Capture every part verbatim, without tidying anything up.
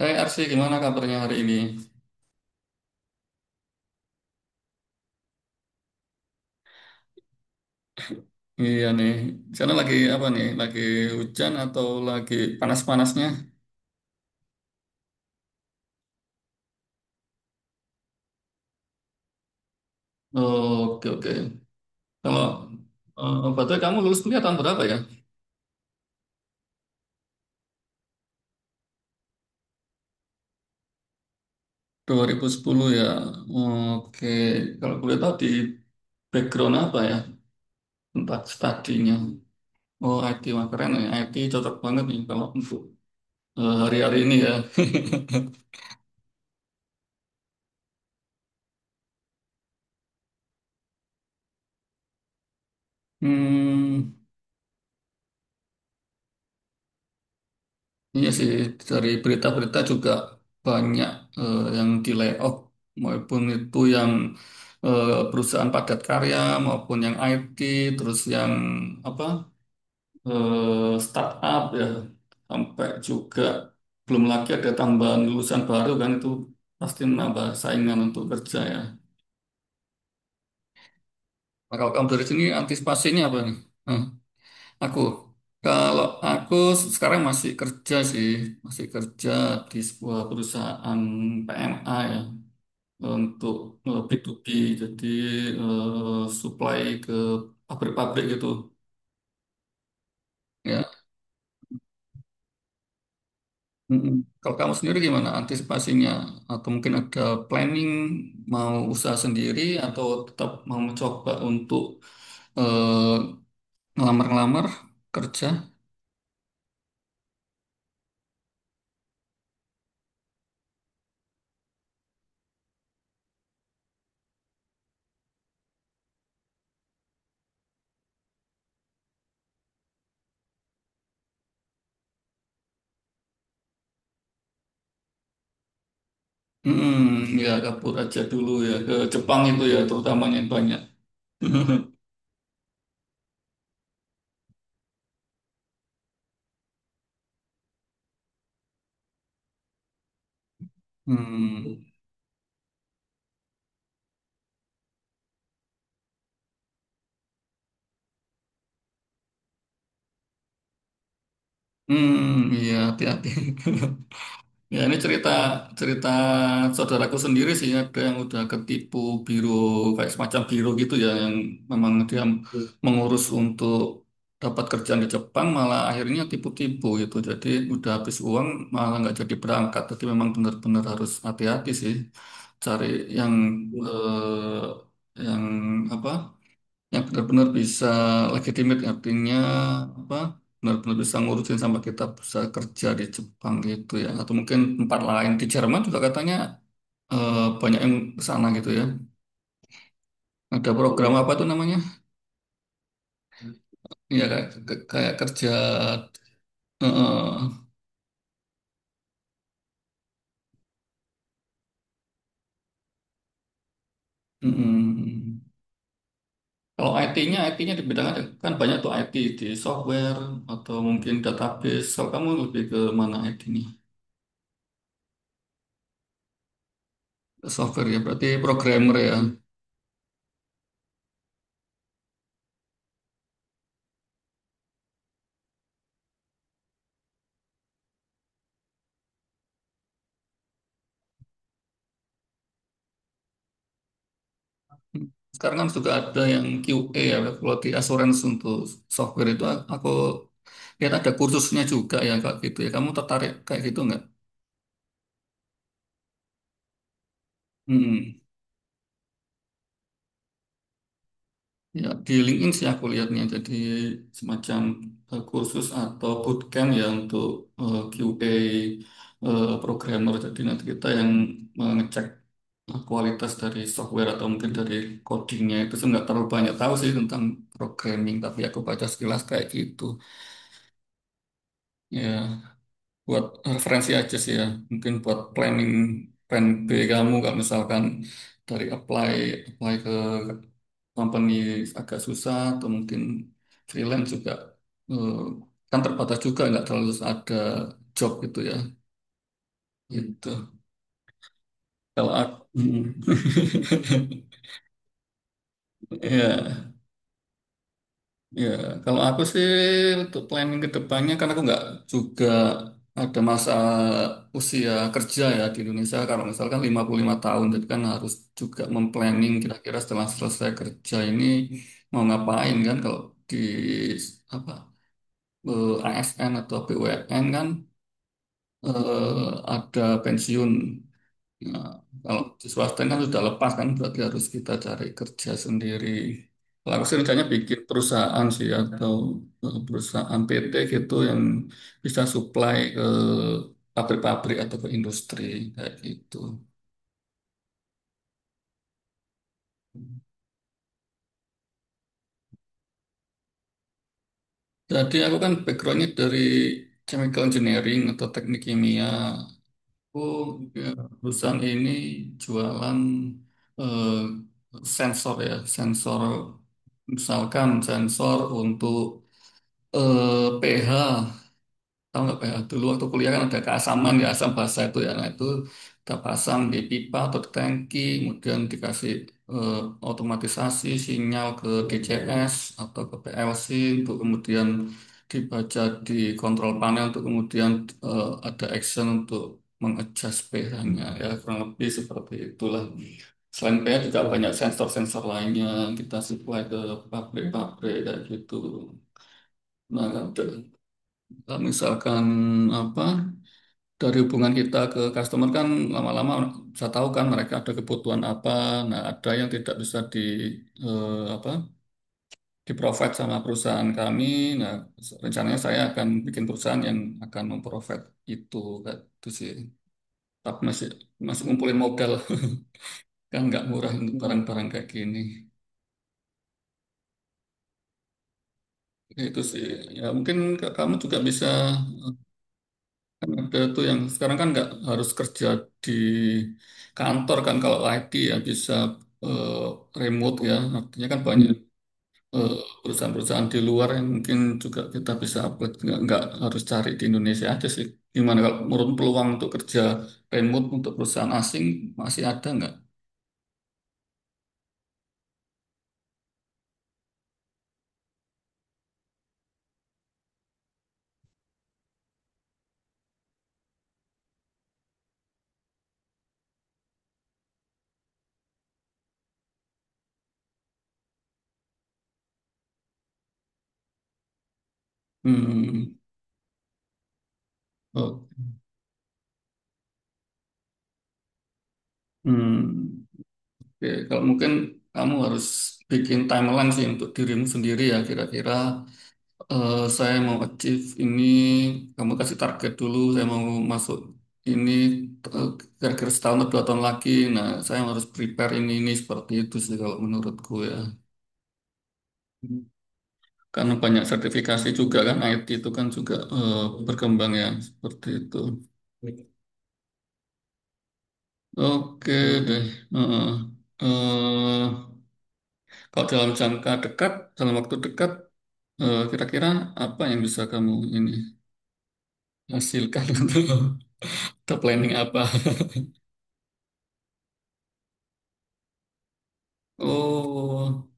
Hey Arsi, gimana kabarnya hari ini? Iya nih, di sana lagi apa nih? Lagi hujan atau lagi panas-panasnya? Oke, oke. Kalau eh, berarti kamu lulus kuliah tahun berapa ya? dua ribu sepuluh ya. Oke, kalau boleh tahu di background apa ya? Tempat studinya. Oh, I T, wah keren ya. I T cocok banget nih kalau untuk eh, hari-hari ini ya. Hmm. Iya sih, dari berita-berita juga banyak eh, yang di layoff, maupun itu yang eh, perusahaan padat karya, maupun yang I T, terus yang apa eh, startup ya, sampai juga belum lagi ada tambahan lulusan baru kan itu pasti menambah saingan untuk kerja ya. Nah, kalau kamu dari sini antisipasinya apa nih? Aku, kalau aku sekarang masih kerja sih, masih kerja di sebuah perusahaan P M A ya, untuk eh, B to B, jadi eh, supply ke pabrik-pabrik gitu. Ya. Mm-mm. Kalau kamu sendiri gimana antisipasinya? Atau mungkin ada planning mau usaha sendiri atau tetap mau mencoba untuk eh, ngelamar-ngelamar kerja? Mm-mm. Ya kabur aja dulu ya ke Jepang itu ya terutamanya yang banyak. Hmm, hmm, iya hati-hati. Ya ini cerita cerita saudaraku sendiri sih ada yang udah ketipu biro kayak semacam biro gitu ya yang memang dia mengurus untuk dapat kerjaan di Jepang malah akhirnya tipu-tipu gitu. Jadi udah habis uang malah nggak jadi berangkat. Jadi memang benar-benar harus hati-hati sih cari yang eh, yang apa? Yang benar-benar bisa legitimate, artinya apa, benar-benar bisa ngurusin sampai kita bisa kerja di Jepang gitu ya, atau mungkin tempat lain. Di Jerman juga katanya eh, banyak yang ke sana gitu ya, ada program. Iya. Apa tuh namanya, ya, kayak, kayak kerja eh, mm, kalau I T-nya I T-nya di bidang ada kan banyak tuh I T, di software atau mungkin database. Kalau kamu lebih ke mana I T-nya? Software ya, berarti programmer ya. Sekarang kan juga ada yang Q A ya, quality assurance untuk software itu, a- aku lihat ada kursusnya juga ya kayak gitu ya. Kamu tertarik kayak gitu nggak? Mm-mm. Ya, di LinkedIn sih aku lihatnya, jadi semacam eh, kursus atau bootcamp ya untuk eh, Q A eh, programmer. Jadi nanti kita yang mengecek eh, kualitas dari software atau mungkin dari codingnya. Itu saya nggak terlalu banyak tahu sih tentang programming, tapi aku baca sekilas kayak gitu. Ya, buat referensi aja sih ya, mungkin buat planning plan B kamu, nggak, misalkan dari apply apply ke company agak susah, atau mungkin freelance juga eh, kan terbatas juga, nggak terlalu ada job gitu ya, gitu kalau aku. ya. Ya, kalau aku sih untuk planning ke depannya, karena aku nggak juga, ada masa usia kerja ya di Indonesia. Kalau misalkan lima puluh lima tahun, jadi kan harus juga memplanning kira-kira setelah selesai kerja ini mau ngapain kan. Kalau di apa eh, A S N atau B U M N kan eh, ada pensiun. Nah, kalau di swasta kan sudah lepas kan, berarti harus kita cari kerja sendiri. Kalau aku sih rencananya bikin perusahaan sih, atau eh, perusahaan P T gitu yang bisa supply ke pabrik-pabrik atau ke industri kayak gitu. Jadi aku kan backgroundnya dari chemical engineering atau teknik kimia. Aku, ya, perusahaan ini jualan eh, sensor ya, sensor misalkan sensor untuk eh, P H, tahu nggak P H? Dulu waktu kuliah kan ada keasaman ya, asam basa itu ya. Nah itu kita pasang di pipa atau di tangki, kemudian dikasih eh, otomatisasi sinyal ke D C S atau ke P L C untuk kemudian dibaca di kontrol panel, untuk kemudian eh, ada action untuk mengadjust pH-nya, ya kurang lebih seperti itulah. Selain pH juga banyak sensor-sensor lainnya kita supply ke pabrik-pabrik kayak gitu. Nah, ada. Kalau misalkan apa, dari hubungan kita ke customer kan lama-lama bisa tahu kan mereka ada kebutuhan apa. Nah, ada yang tidak bisa di eh, apa, di provide sama perusahaan kami. Nah, rencananya saya akan bikin perusahaan yang akan memprovide itu, kayak itu sih. Tapi masih masih ngumpulin modal, kan nggak murah untuk Hmm. barang-barang kayak gini. Ya, itu sih. Ya mungkin ke- kamu juga bisa. Kan ada tuh yang sekarang kan nggak harus kerja di kantor kan, kalau I T ya bisa eh, remote ya. Artinya kan banyak Hmm. eh, perusahaan-perusahaan di luar, yang mungkin juga kita bisa upload, nggak nggak harus cari di Indonesia aja sih. Gimana kalau menurut peluang untuk kerja remote untuk perusahaan asing, masih ada nggak? Hmm. Oh. Hmm. Oke, kalau mungkin kamu harus bikin timeline sih untuk dirimu sendiri ya, kira-kira, Eh, saya mau achieve ini, kamu kasih target dulu. Saya mau masuk ini eh, kira-kira setahun atau dua tahun lagi. Nah, saya harus prepare ini ini seperti itu sih kalau menurutku ya. Karena banyak sertifikasi juga kan, I T itu kan juga eh, berkembang ya seperti itu. Oke deh. Heeh. Eh, Kalau dalam jangka dekat, dalam waktu dekat, eh, kira-kira apa yang bisa kamu ini hasilkan untuk, ada planning apa? Oh,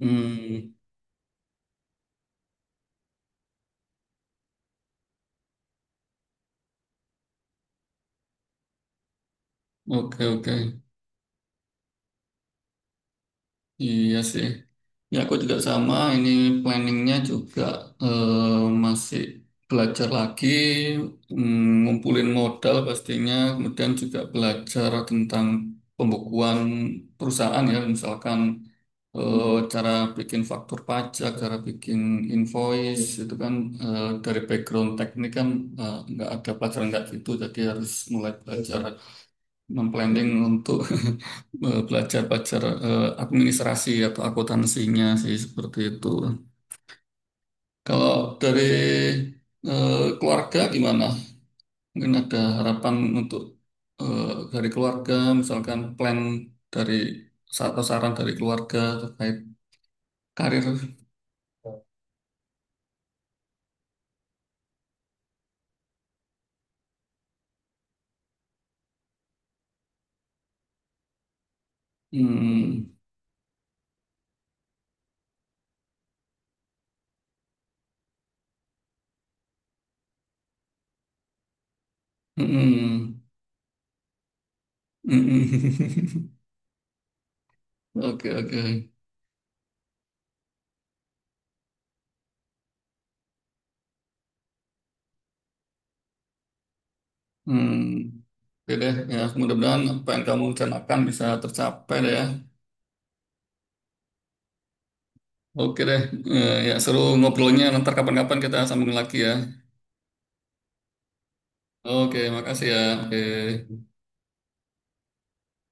hmm, oke, oke, iya sih. Ya aku juga sama. Ini planningnya juga eh, masih belajar lagi, mm, ngumpulin modal pastinya. Kemudian juga belajar tentang pembukuan perusahaan ya, misalkan eh, cara bikin faktur pajak, cara bikin invoice. Itu kan eh, dari background teknik kan eh, nggak ada pelajaran nggak gitu, jadi harus mulai belajar. Memplanning untuk eh, belajar-belajar eh, administrasi atau akuntansinya sih, seperti itu. Kalau dari eh, keluarga gimana? Mungkin ada harapan untuk eh, dari keluarga, misalkan plan dari, atau saran dari keluarga terkait karir. Hmm, hmm, hmm. Oke, oke. Hmm. Oke deh, ya mudah-mudahan apa yang kamu rencanakan bisa tercapai deh ya. Oke deh. Eh, ya, seru ngobrolnya. Nanti kapan-kapan kita sambung lagi ya. Oke, makasih ya. Oke.